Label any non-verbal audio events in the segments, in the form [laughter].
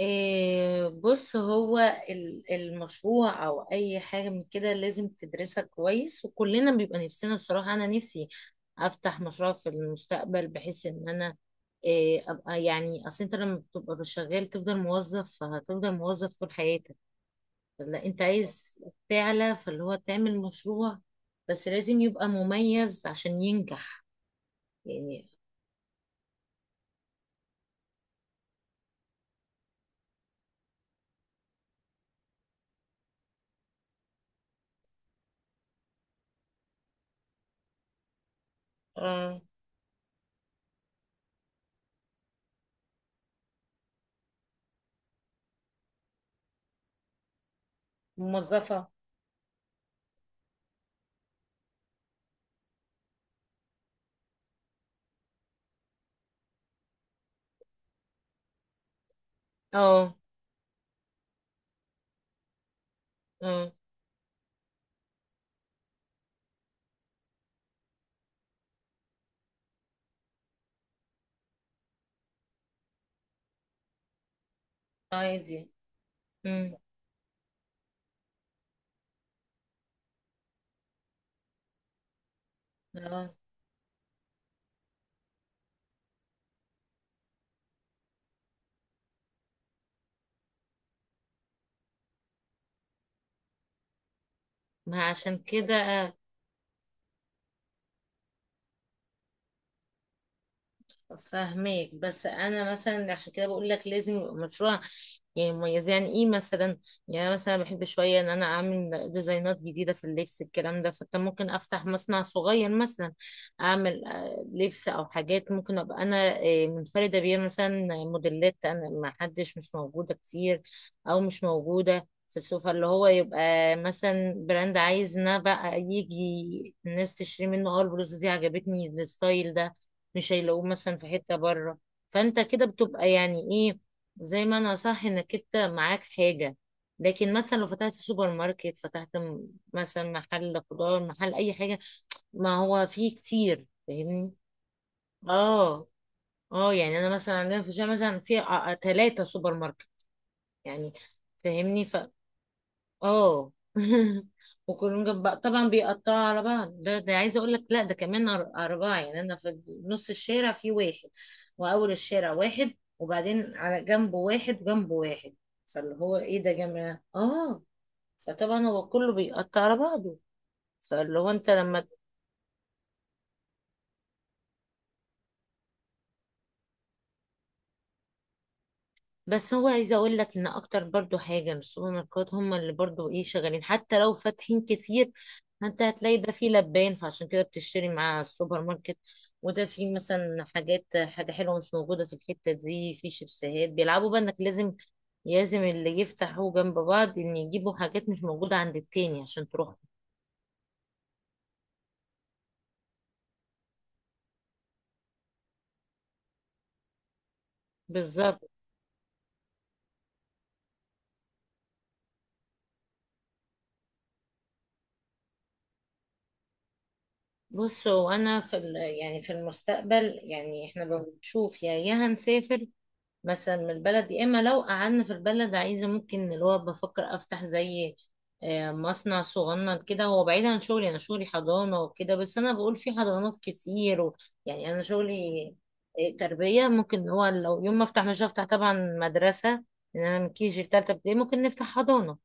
إيه، بص، هو المشروع او اي حاجه من كده لازم تدرسها كويس، وكلنا بيبقى نفسنا. بصراحه انا نفسي افتح مشروع في المستقبل بحيث ان انا ابقى، يعني اصل انت لما بتبقى شغال تفضل موظف، فهتفضل موظف طول حياتك. لا، انت عايز تعلى، فاللي هو تعمل مشروع. بس لازم يبقى مميز عشان ينجح، يعني. اه. موظفة. اه. اه. عادي. امم. اه. ما عشان كده. فاهماك، بس انا مثلا عشان كده بقول لك لازم يبقى مشروع، يعني مميز. يعني ايه مثلا؟ يعني أنا مثلا بحب شويه ان انا اعمل ديزاينات جديده في اللبس الكلام ده. فانت ممكن افتح مصنع صغير مثلا، اعمل لبس او حاجات، ممكن ابقى انا منفرده بيها مثلا، موديلات انا ما حدش مش موجوده كتير، او مش موجوده في السوق. فاللي هو يبقى مثلا براند، عايز ان أنا بقى يجي الناس تشتري منه. اه البلوزه دي عجبتني، الستايل ده مش هيلاقوه مثلا في حتة بره. فانت كده بتبقى يعني ايه زي ما انا، صح، انك انت معاك حاجة. لكن مثلا لو فتحت سوبر ماركت، فتحت مثلا محل خضار، محل اي حاجة، ما هو فيه كتير، فاهمني. اه. اه. يعني انا مثلا عندنا في الشارع مثلا في ثلاثة سوبر ماركت يعني، فاهمني. اه [laughs] وكلهم جنب بعض، طبعا بيقطعوا على بعض. ده عايزه اقول لك، لا ده كمان اربعه. يعني انا في نص الشارع في واحد، واول الشارع واحد، وبعدين على جنبه واحد، وجنبه واحد. فاللي هو ايه ده يا جماعه؟ اه. فطبعا هو كله بيقطع على بعضه. فاللي هو انت لما. بس هو عايزه اقول لك ان اكتر برضو حاجه، إن السوبر ماركت هم اللي برضو ايه شغالين حتى لو فاتحين كتير. انت هتلاقي ده فيه لبان فعشان كده بتشتري مع السوبر ماركت، وده فيه مثلا حاجات، حاجه حلوه مش موجوده في الحته دي، في شيبسيهات. بيلعبوا بقى انك لازم، لازم اللي يفتحوا جنب بعض ان يجيبوا حاجات مش موجوده عند التاني عشان تروح. بالظبط. بصوا، انا في يعني في المستقبل، يعني احنا بنشوف يا هنسافر مثلا من البلد، يا اما لو قعدنا في البلد عايزه ممكن اللي هو بفكر افتح زي مصنع صغنن كده. هو بعيد عن شغلي، انا شغلي حضانه وكده، بس انا بقول في حضانات كتير و... يعني انا شغلي تربيه. ممكن هو لو يوم ما افتح، مش هفتح طبعا مدرسه، لان انا من KG لتالتة ابتدائي ممكن نفتح حضانه.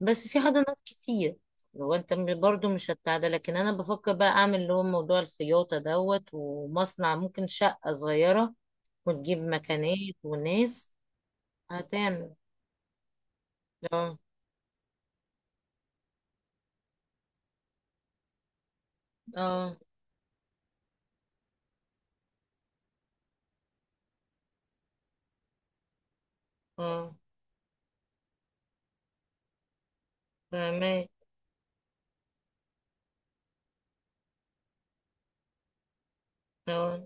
بس في حضانات كتير. لو انت برضو مش هتاع ده، لكن انا بفكر بقى اعمل اللي هو موضوع الخياطه دوت ومصنع، ممكن شقه صغيره وتجيب مكانات وناس. هتعمل. اه. اه. اه. فاهماه. اه.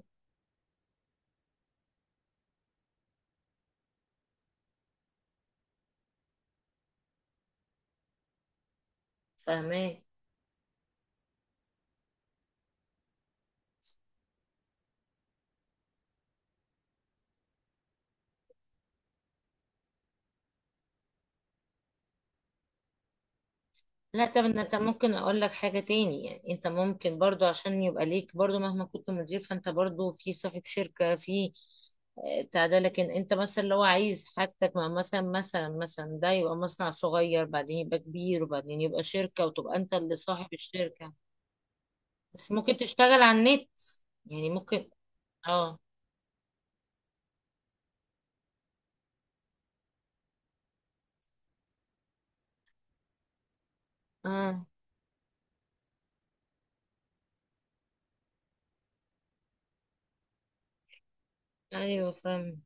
فاهماه. لا، طب إن انت، ممكن اقول لك حاجة تاني. يعني انت ممكن برضو، عشان يبقى ليك برضو مهما كنت مدير، فانت برضو في صاحب شركة في بتاع ده. لكن انت مثلا لو عايز حاجتك مع مثلا مثلا مثلا، ده يبقى مصنع صغير، بعدين يبقى كبير، وبعدين يبقى شركة، وتبقى انت اللي صاحب الشركة. بس ممكن تشتغل على النت، يعني ممكن. اه. اه. ايوه، فاهم.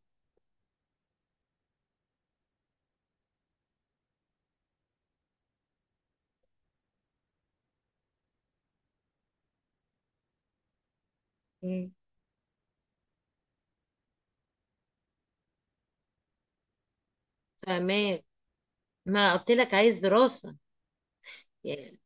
مم، فاهماك. ما قلت لك عايز دراسة يعني.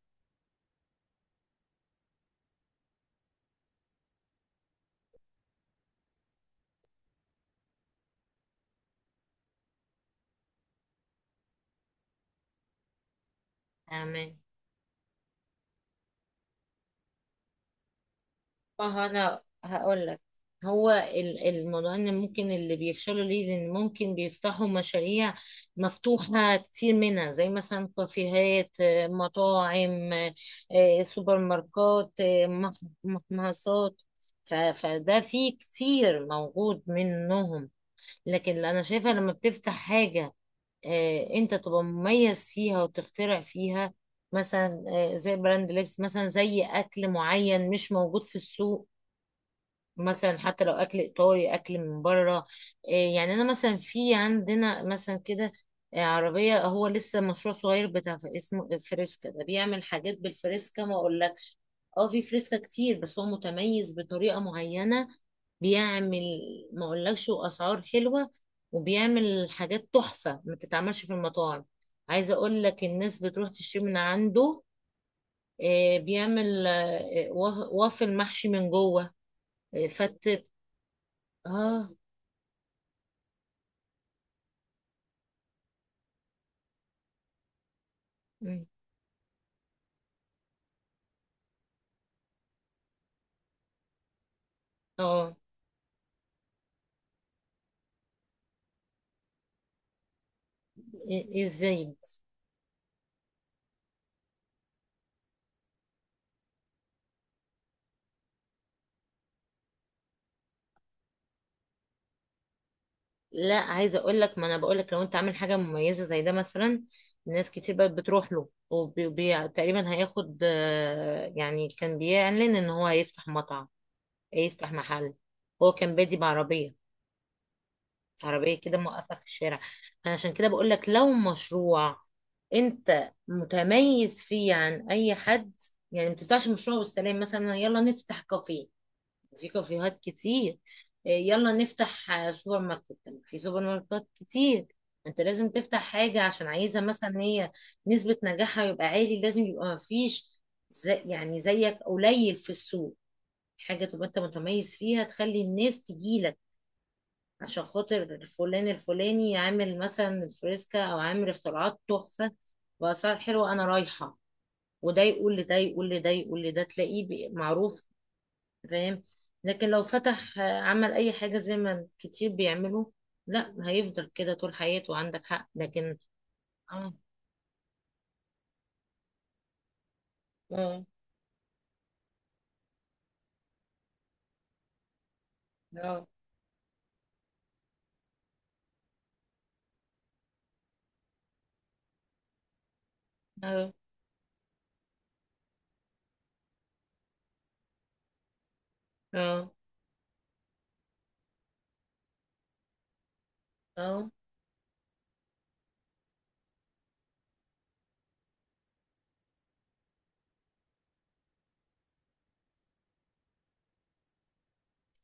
تمام. اه، انا هقول لك، هو الموضوع ان ممكن اللي بيفشلوا ليه، ان ممكن بيفتحوا مشاريع مفتوحة كتير، منها زي مثلا كافيهات، مطاعم، سوبر ماركات، محمصات. فده فيه كتير موجود منهم. لكن اللي انا شايفة لما بتفتح حاجة انت تبقى مميز فيها وتخترع فيها. مثلا زي براند لبس، مثلا زي اكل معين مش موجود في السوق، مثلا حتى لو اكل ايطالي اكل من بره. إيه، يعني انا مثلا في عندنا مثلا كده عربيه، هو لسه مشروع صغير بتاع اسمه فريسكا. ده بيعمل حاجات بالفريسكا ما اقولكش. اه في فريسكا كتير، بس هو متميز بطريقه معينه، بيعمل، ما اقولكش، واسعار حلوه، وبيعمل حاجات تحفه ما تتعملش في المطاعم. عايزه اقول لك الناس بتروح تشتري من عنده. بيعمل آه، وافل محشي من جوه، فتة. اه. مم. اه. ازاي بس؟ لا، عايزه اقول لك، ما انا بقول لك لو انت عامل حاجه مميزه زي ده مثلا، ناس كتير بقت بتروح له، وتقريبا هياخد يعني كان بيعلن ان هو هيفتح مطعم، هيفتح محل. هو كان بادي بعربيه، عربيه كده موقفه في الشارع. انا عشان كده بقول لك لو مشروع انت متميز فيه عن اي حد، يعني ما بتفتحش مشروع والسلام، مثلا يلا نفتح كافيه وفي كافيهات كتير. إيه، يلا نفتح سوبر ماركت، طب في سوبر ماركت كتير. انت لازم تفتح حاجة، عشان عايزة مثلا هي نسبة نجاحها يبقى عالي، لازم يبقى مفيش زي، يعني زيك قليل في السوق. حاجة تبقى انت متميز فيها تخلي الناس تجيلك عشان خاطر فلان الفلاني عامل مثلا الفريسكا، او عامل اختراعات تحفة بأسعار حلوة، انا رايحة. وده يقول لده يقول لده يقول لده تلاقيه معروف. فاهم. لكن لو فتح، عمل اي حاجه زي ما كتير بيعملوا، لا، هيفضل كده طول حياته. عندك حق، لكن. اه. اه. اه. اه. اه. اه.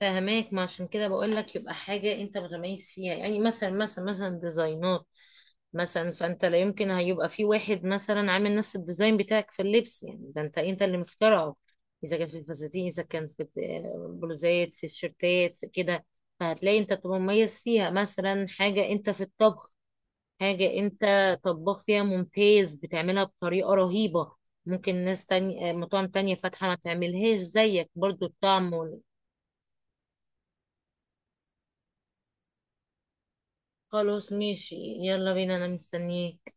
فهماك. ما عشان كده بقول لك يبقى حاجه انت متميز فيها، يعني مثلا مثلا مثلا ديزاينات مثلا. فانت لا يمكن هيبقى في واحد مثلا عامل نفس الديزاين بتاعك في اللبس، يعني ده انت اللي مخترعه. اذا كان في الفساتين، اذا كان في البلوزات، في الشيرتات، في كده، فهتلاقي انت بتبقى مميز فيها. مثلا حاجة انت في الطبخ، حاجة انت طباخ فيها ممتاز بتعملها بطريقة رهيبة، ممكن ناس تانية مطاعم تانية فاتحة ما تعملهاش زيك برضو الطعم خلاص ماشي، يلا بينا، انا مستنيك.